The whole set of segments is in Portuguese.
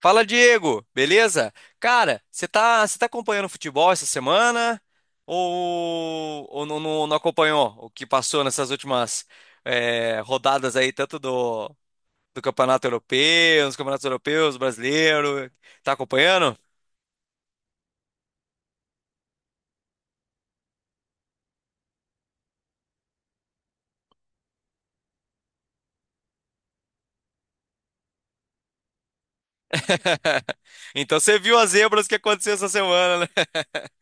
Fala, Diego, beleza? Cara, você tá acompanhando futebol essa semana? Ou não acompanhou o que passou nessas últimas rodadas aí, tanto do Campeonato Europeu, dos Campeonatos Europeus, brasileiro? Tá acompanhando? Então você viu as zebras que aconteceu essa semana, né?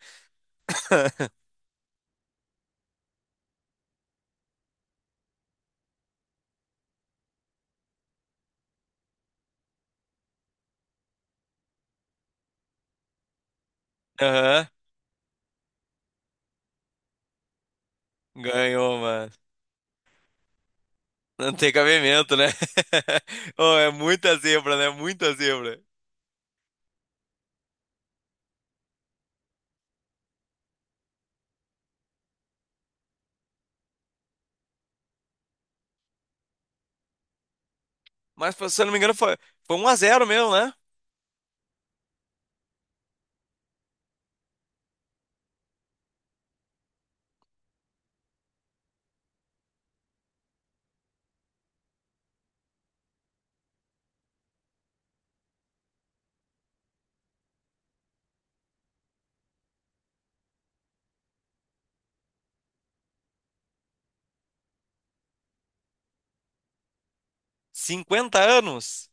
Aham, ganhou, mano. Não tem cabimento, né? Oh, é muita zebra, né? Muita zebra. Mas, se eu não me engano, foi 1-0 mesmo, né? 50 anos?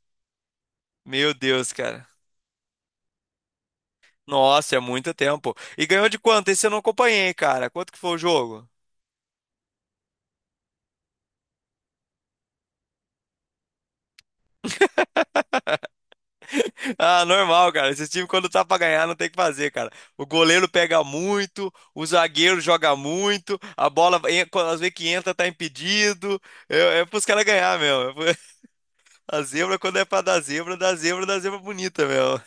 Meu Deus, cara. Nossa, é muito tempo. E ganhou de quanto? Esse eu não acompanhei, cara. Quanto que foi o jogo? Ah, normal, cara. Esse time, quando tá pra ganhar, não tem o que fazer, cara. O goleiro pega muito, o zagueiro joga muito, a bola, quando às vezes que entra, tá impedido. É pros caras ganhar, meu. A zebra, quando é pra dar zebra, dá zebra, dá zebra bonita, meu.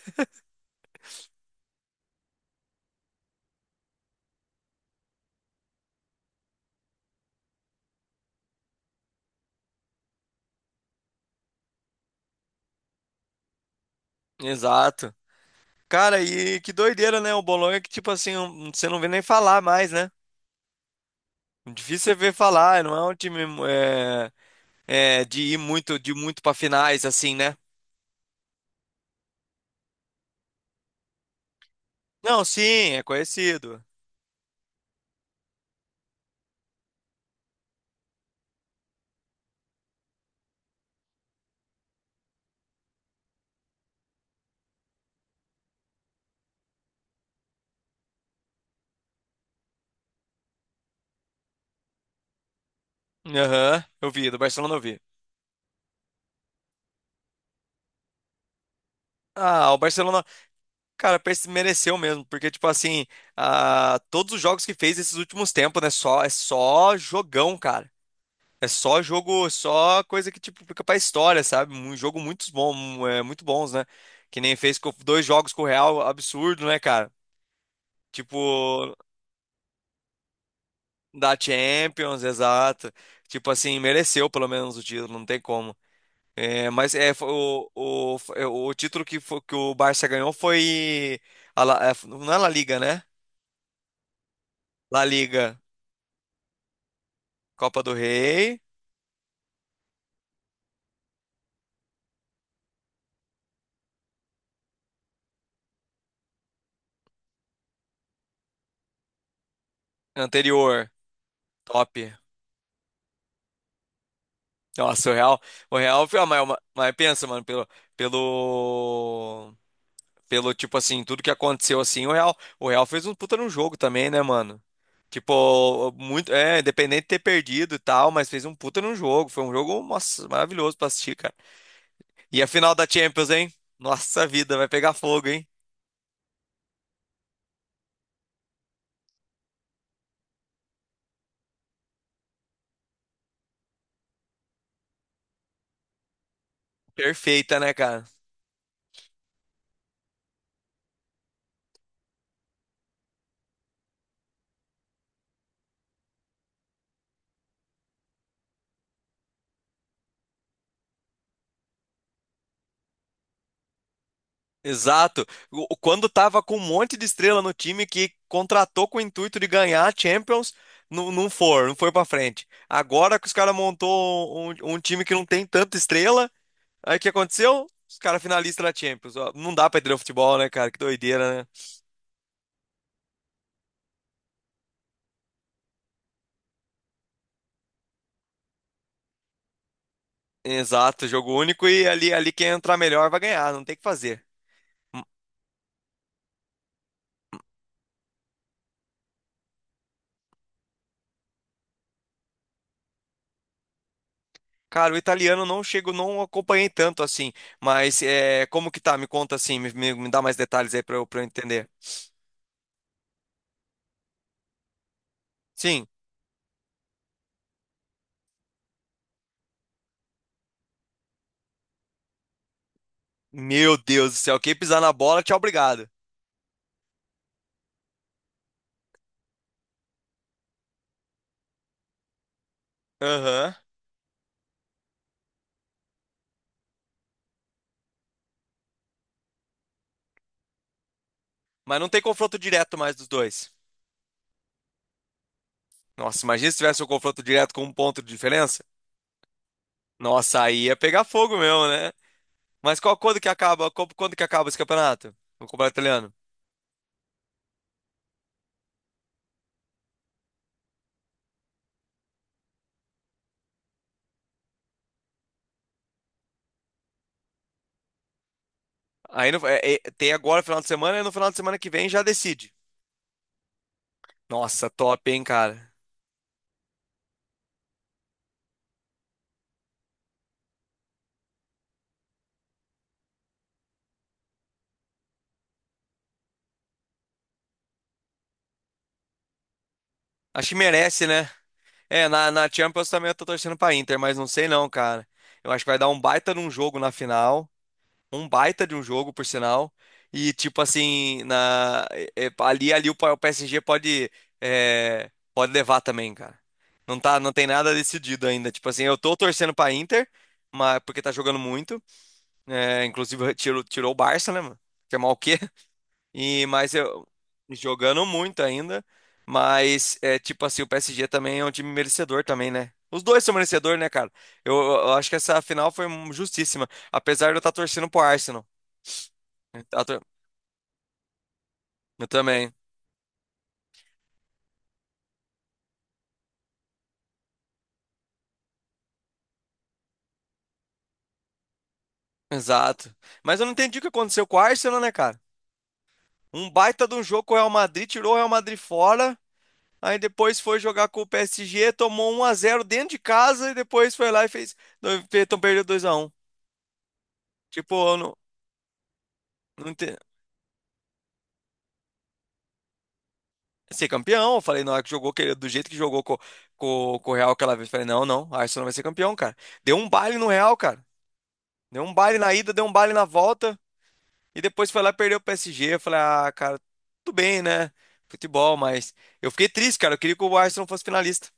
Exato. Cara, e que doideira, né? O Bolonha que, tipo assim, um, você não vê nem falar mais, né? Difícil você ver falar, não é um time é, é de ir muito de muito para finais assim, né? Não, sim, é conhecido. Aham, eu vi, do Barcelona eu vi. Ah, o Barcelona, cara, parece que mereceu mesmo, porque tipo assim, ah, todos os jogos que fez esses últimos tempos, né, só é só jogão, cara. É só jogo, só coisa que tipo fica pra história, sabe? Um jogo muito bom, muito bons, né? Que nem fez com dois jogos com o Real, absurdo, né, cara? Tipo, da Champions, exato. Tipo assim, mereceu pelo menos o título, não tem como. É, mas foi o título que o Barça ganhou foi a não é La Liga, né? La Liga, Copa do Rei, anterior, top. Nossa, o Real foi a maior, mas pensa, mano, pelo Pelo, tipo assim, tudo que aconteceu assim, o Real fez um puta num jogo também, né, mano? Tipo, muito, independente de ter perdido e tal, mas fez um puta num jogo. Foi um jogo, nossa, maravilhoso pra assistir, cara. E a final da Champions, hein? Nossa vida, vai pegar fogo, hein? Perfeita, né, cara? Exato. Quando tava com um monte de estrela no time que contratou com o intuito de ganhar a Champions, não, não foi pra frente. Agora que os caras montou um, um time que não tem tanta estrela, aí o que aconteceu? Os caras finalistas da Champions. Ó, não dá pra entender o futebol, né, cara? Que doideira, né? Exato, jogo único e ali, quem entrar melhor vai ganhar, não tem o que fazer. Hum. Cara, o italiano não chego, não acompanhei tanto assim, mas é, como que tá? Me conta assim, me, me dá mais detalhes aí pra eu entender. Sim, meu Deus do céu, quem pisar na bola, tchau, obrigado. Aham. Mas não tem confronto direto mais dos dois. Nossa, imagina se tivesse um confronto direto com um ponto de diferença. Nossa, aí ia pegar fogo mesmo, né? Mas quando que acaba esse campeonato? O campeonato italiano? Aí, tem agora final de semana e no final de semana que vem já decide. Nossa, top, hein, cara. Acho que merece, né? É, na Champions também eu tô torcendo pra Inter, mas não sei não, cara. Eu acho que vai dar um baita de um jogo na final. Um baita de um jogo, por sinal. E tipo assim, ali o o PSG pode, pode levar também, cara. Não tá, não tem nada decidido ainda. Tipo assim, eu tô torcendo pra Inter, mas, porque tá jogando muito. É, inclusive tirou o Barça, né, mano? Que é mal o quê? E, mas eu jogando muito ainda. Mas é tipo assim, o PSG também é um time merecedor também, né? Os dois são merecedores, né, cara? Eu acho que essa final foi justíssima. Apesar de eu estar torcendo pro Arsenal. Eu tá tor- eu também. Exato. Mas eu não entendi o que aconteceu com o Arsenal, né, cara? Um baita de um jogo com o Real Madrid, tirou o Real Madrid fora. Aí depois foi jogar com o PSG, tomou 1-0 dentro de casa e depois foi lá e fez. Então perdeu 2-1. Tipo, eu não, não ente- ser campeão. Eu falei, na hora que jogou, do jeito que jogou com, com o Real aquela vez, eu falei, não, não, a Arsenal vai ser campeão, cara. Deu um baile no Real, cara. Deu um baile na ida, deu um baile na volta. E depois foi lá e perdeu o PSG. Eu falei, ah, cara, tudo bem, né? Futebol, mas. Eu fiquei triste, cara. Eu queria que o Arsenal fosse finalista.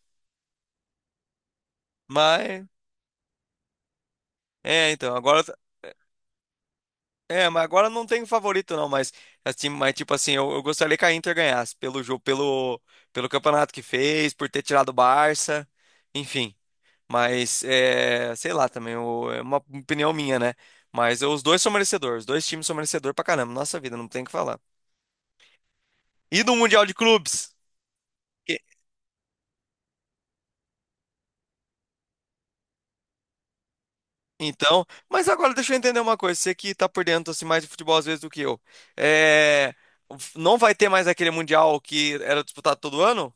Mas. É, então, agora. É, mas agora não tem favorito, não. Mas, assim, tipo assim, eu gostaria que a Inter ganhasse pelo jogo, pelo, campeonato que fez, por ter tirado o Barça. Enfim. Mas, sei lá também, é uma opinião minha, né? Mas os dois são merecedores, os dois times são merecedores pra caramba, nossa vida, não tem o que falar. E do Mundial de Clubes? E- Então, mas agora deixa eu entender uma coisa, você que tá por dentro assim, mais de futebol às vezes do que eu. É, não vai ter mais aquele Mundial que era disputado todo ano?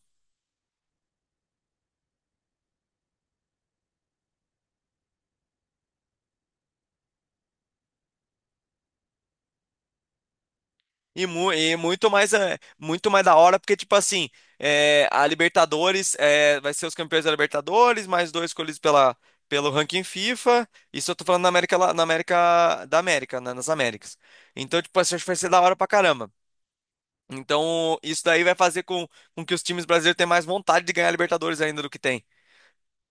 E muito mais muito mais da hora, porque, tipo assim, a Libertadores vai ser os campeões da Libertadores, mais dois escolhidos pelo ranking FIFA. Isso eu tô falando na América, na América da América, né, nas Américas. Então, tipo assim, acho que vai ser da hora pra caramba. Então, isso daí vai fazer com, que os times brasileiros tenham mais vontade de ganhar a Libertadores ainda do que tem.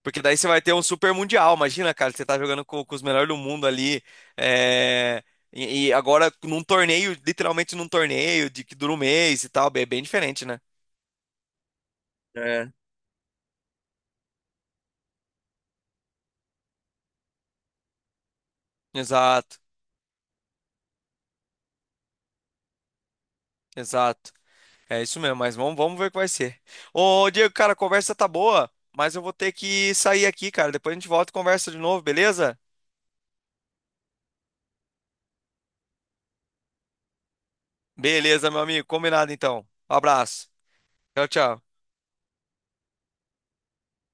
Porque daí você vai ter um super mundial. Imagina, cara, você tá jogando com os melhores do mundo ali. é, E, agora num torneio, literalmente num torneio de que dura um mês e tal. É bem diferente, né? É. Exato, exato. É isso mesmo, mas vamos ver o que vai ser. Ô, Diego, cara, a conversa tá boa, mas eu vou ter que sair aqui, cara. Depois a gente volta e conversa de novo, beleza? Beleza, meu amigo. Combinado então. Um abraço. Tchau, tchau.